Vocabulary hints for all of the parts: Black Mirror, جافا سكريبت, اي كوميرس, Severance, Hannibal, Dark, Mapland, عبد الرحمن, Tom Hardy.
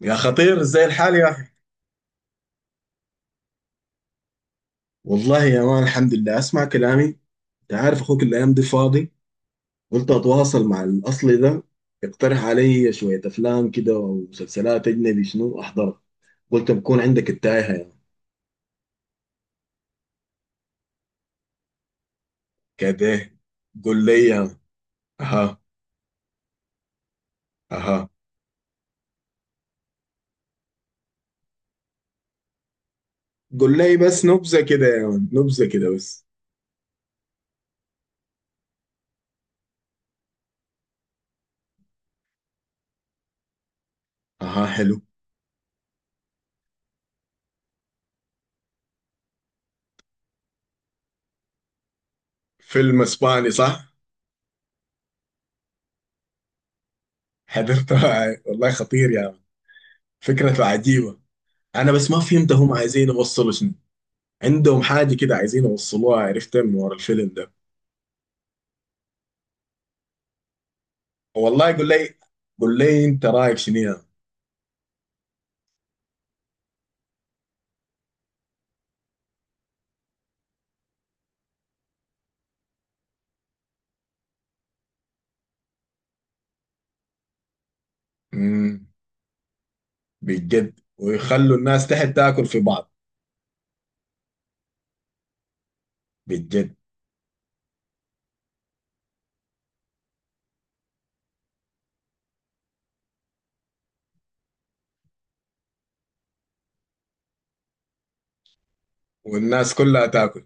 يا خطير ازاي الحال يا اخي. والله يا مان الحمد لله اسمع كلامي. انت عارف اخوك الايام دي فاضي، قلت اتواصل مع الاصلي ده يقترح علي شويه افلام كده ومسلسلات اجنبي شنو احضرها. قلت بكون عندك التايهه يعني. كده قول لي يا مان. اها. اها. قول لي بس نبذه كده يا مان، نبذه كده بس. اها، حلو. فيلم اسباني صح؟ حضرته. والله خطير يا مان، فكرته عجيبه. انا بس ما فهمت هم عايزين يوصلوا شنو. عندهم حاجة كده عايزين يوصلوها، عرفتها من ورا الفيلم ده. والله يقول لي. قول لي انت رايك شنو يا... امم بجد؟ ويخلوا الناس تحت تاكل في بعض؟ بجد؟ والناس كلها تاكل؟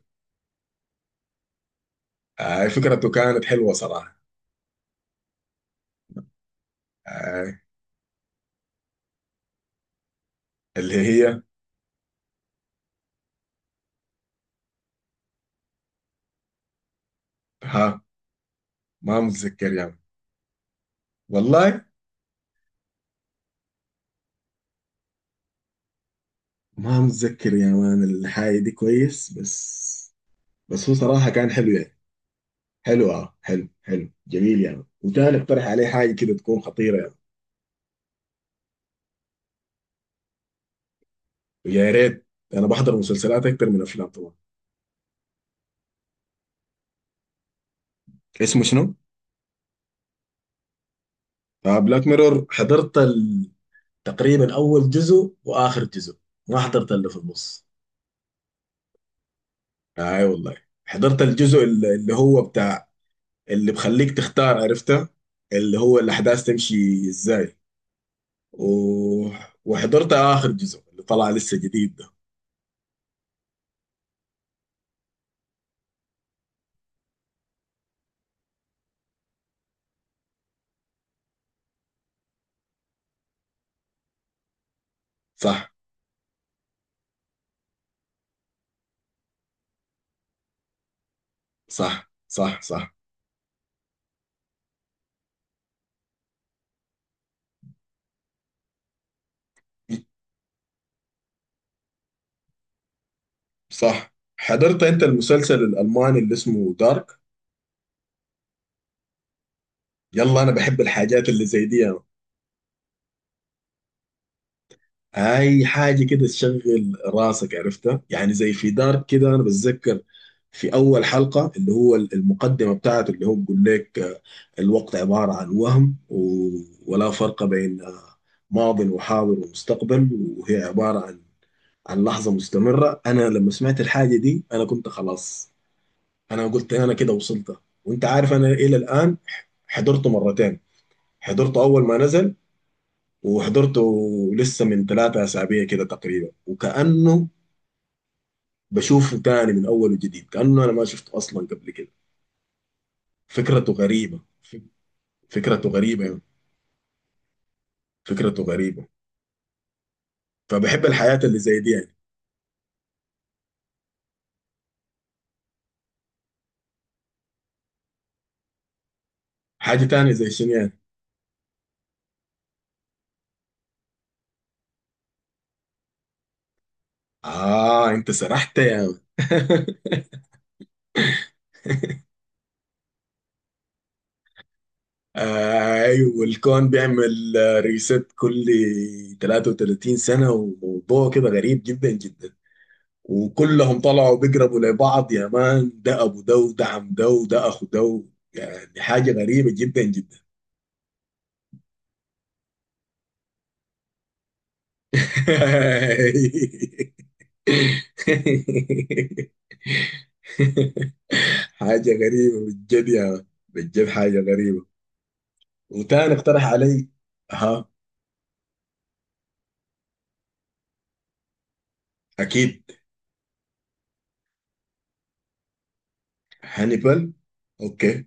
آه، فكرته كانت حلوة صراحة. آه. اللي هي؟ ها. ما متذكر يعني. والله ما متذكر يا مان الحاجة دي كويس، بس بس هو صراحة كان حلو يعني. حلو، اه حلو حلو جميل يعني، وكان اقترح عليه حاجة كده تكون خطيرة يعني. يا ريت، انا بحضر مسلسلات اكتر من افلام طبعا. اسمه شنو؟ بلاك ميرور، حضرت ال... تقريبا اول جزء واخر جزء، ما حضرت اللي في النص. اي والله. حضرت الجزء اللي هو بتاع اللي بخليك تختار، عرفته، اللي هو الاحداث تمشي ازاي و... وحضرت اخر جزء اللي طلع لسه جديد ده. صح صح صح. صح صح. حضرت انت المسلسل الالماني اللي اسمه دارك؟ يلا انا بحب الحاجات اللي زي دي. اي حاجه كده تشغل راسك عرفتها يعني. زي في دارك كده، انا بتذكر في اول حلقه اللي هو المقدمه بتاعته، اللي هو بيقول لك الوقت عباره عن وهم ولا فرق بين ماض وحاضر ومستقبل، وهي عباره عن عن لحظه مستمره. انا لما سمعت الحاجه دي انا كنت خلاص، انا قلت انا كده وصلت. وانت عارف انا الى الان حضرته مرتين، حضرته اول ما نزل وحضرته لسه من 3 أسابيع كده تقريبا، وكأنه بشوفه تاني من أول وجديد كأنه أنا ما شفته أصلا قبل كده. فكرته غريبة، فكرته غريبة يعني، فكرته غريبة. فبحب الحياة اللي زي دي يعني. حاجة تانية زي شنو يعني؟ آه أنت سرحت يا يعني. أيوه، الكون بيعمل ريست كل 33 سنة، وموضوع كده غريب جدا جدا، وكلهم طلعوا بيقربوا لبعض يا مان، ده ابو ده، وده عم ده، وده اخو ده، يعني حاجة غريبة جدا جدا. حاجة غريبة بالجد يا مان. بالجد حاجة غريبة. وتاني اقترح علي. ها. اكيد. هانيبال. اوكي.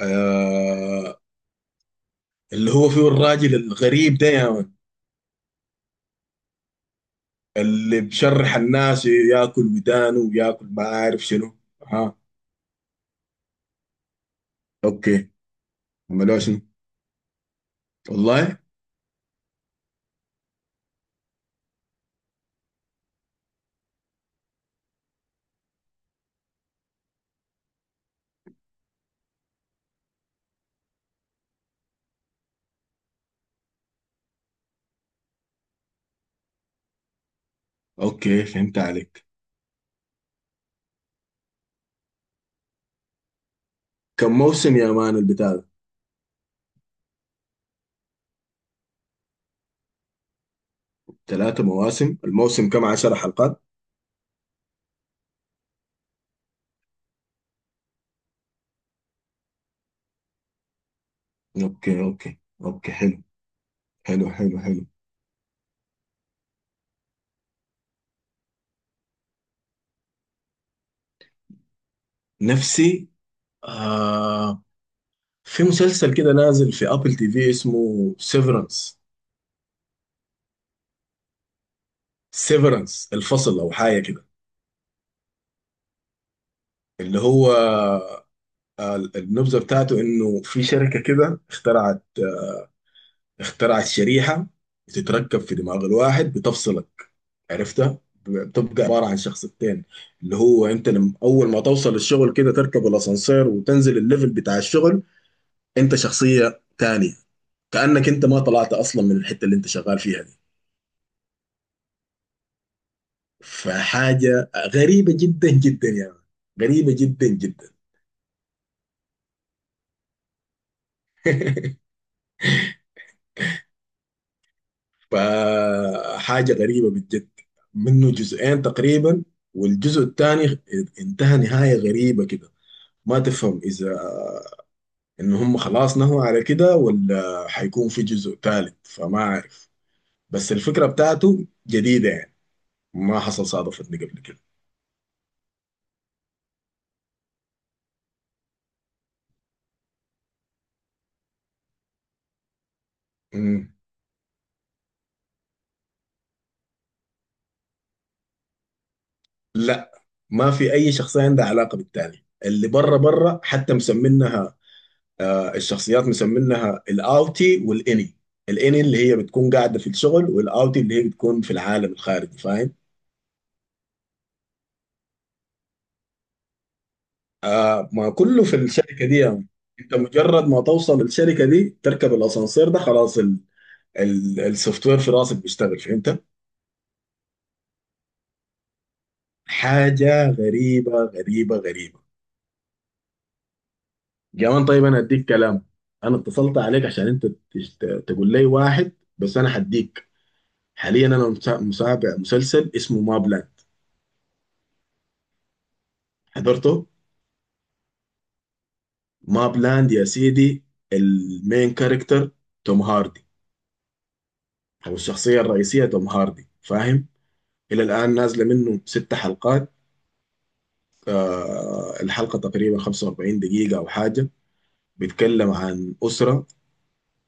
آه، اللي هو فيه الراجل الغريب ده يا مان، اللي بشرح الناس ياكل ودانه وياكل ما عارف شنو. ها. اوكي. عملوها شنو؟ والله. اوكي، فهمت عليك. كم موسم يا مان البتاع ده؟ 3 مواسم، الموسم كم؟ 10 حلقات؟ اوكي اوكي اوكي، حلو. حلو حلو حلو. نفسي. آه، في مسلسل كده نازل في ابل تي في اسمه سيفرنس. سيفرنس، الفصل او حاجة كده. اللي هو النبذة بتاعته انه في شركة كده اخترعت اخترعت شريحة بتتركب في دماغ الواحد بتفصلك، عرفتها، بتبقى عبارة عن شخصيتين. اللي هو انت لما اول ما توصل الشغل كده تركب الاسانسير وتنزل الليفل بتاع الشغل انت شخصية تانية، كأنك انت ما طلعت اصلا من الحتة اللي انت شغال فيها دي. فحاجة غريبة جدا جدا يعني. غريبة جدا جدا. فحاجة غريبة بالجد. منه جزئين تقريبا، والجزء الثاني انتهى نهاية غريبة كده، ما تفهم إذا ان هم خلاص نهوا على كده ولا حيكون في جزء ثالث، فما عارف. بس الفكرة بتاعته جديدة يعني، ما حصل صادفتني قبل كده. مم. لا، ما في اي شخصية عندها علاقة بالتاني، اللي بره بره حتى مسمينها، آه، الشخصيات مسمينها الاوتي والاني. الاني اللي هي بتكون قاعدة في الشغل، والاوتي اللي هي بتكون في العالم الخارجي، فاهم؟ آه، ما كله في الشركة دي يعني. انت مجرد ما توصل الشركة دي تركب الاسانسير ده خلاص، السوفت وير في راسك بيشتغل، فهمت؟ حاجه غريبه غريبه غريبه. كمان طيب انا اديك كلام. انا اتصلت عليك عشان انت تقول لي واحد، بس انا هديك. حاليا انا متابع مسلسل اسمه ماب لاند. حضرته؟ ماب لاند يا سيدي. المين كاركتر توم هاردي، او الشخصيه الرئيسيه توم هاردي، فاهم؟ الى الان نازله منه 6 حلقات. آه، الحلقه تقريبا 45 دقيقه او حاجه. بيتكلم عن اسره،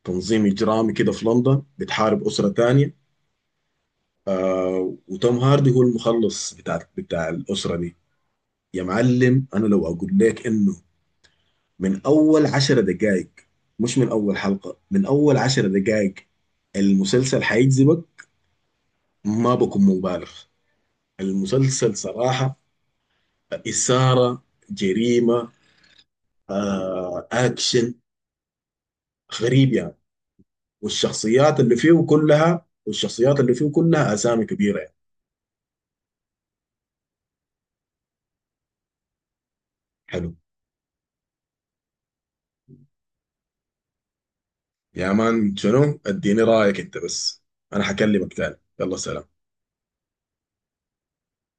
تنظيم إجرامي كده في لندن، بتحارب أسرة تانية. آه، وتوم هاردي هو المخلص بتاع الأسرة دي. يا معلم، أنا لو أقول لك إنه من أول 10 دقايق، مش من أول حلقة، من أول عشر دقايق المسلسل حيجذبك، ما بكون مبالغ. المسلسل صراحة إثارة، جريمة، آه أكشن، غريب يعني. والشخصيات اللي فيه كلها، والشخصيات اللي فيه كلها أسامي كبيرة يعني. حلو. يا مان شنو، اديني رايك انت بس. انا هكلمك تاني. يلا سلام.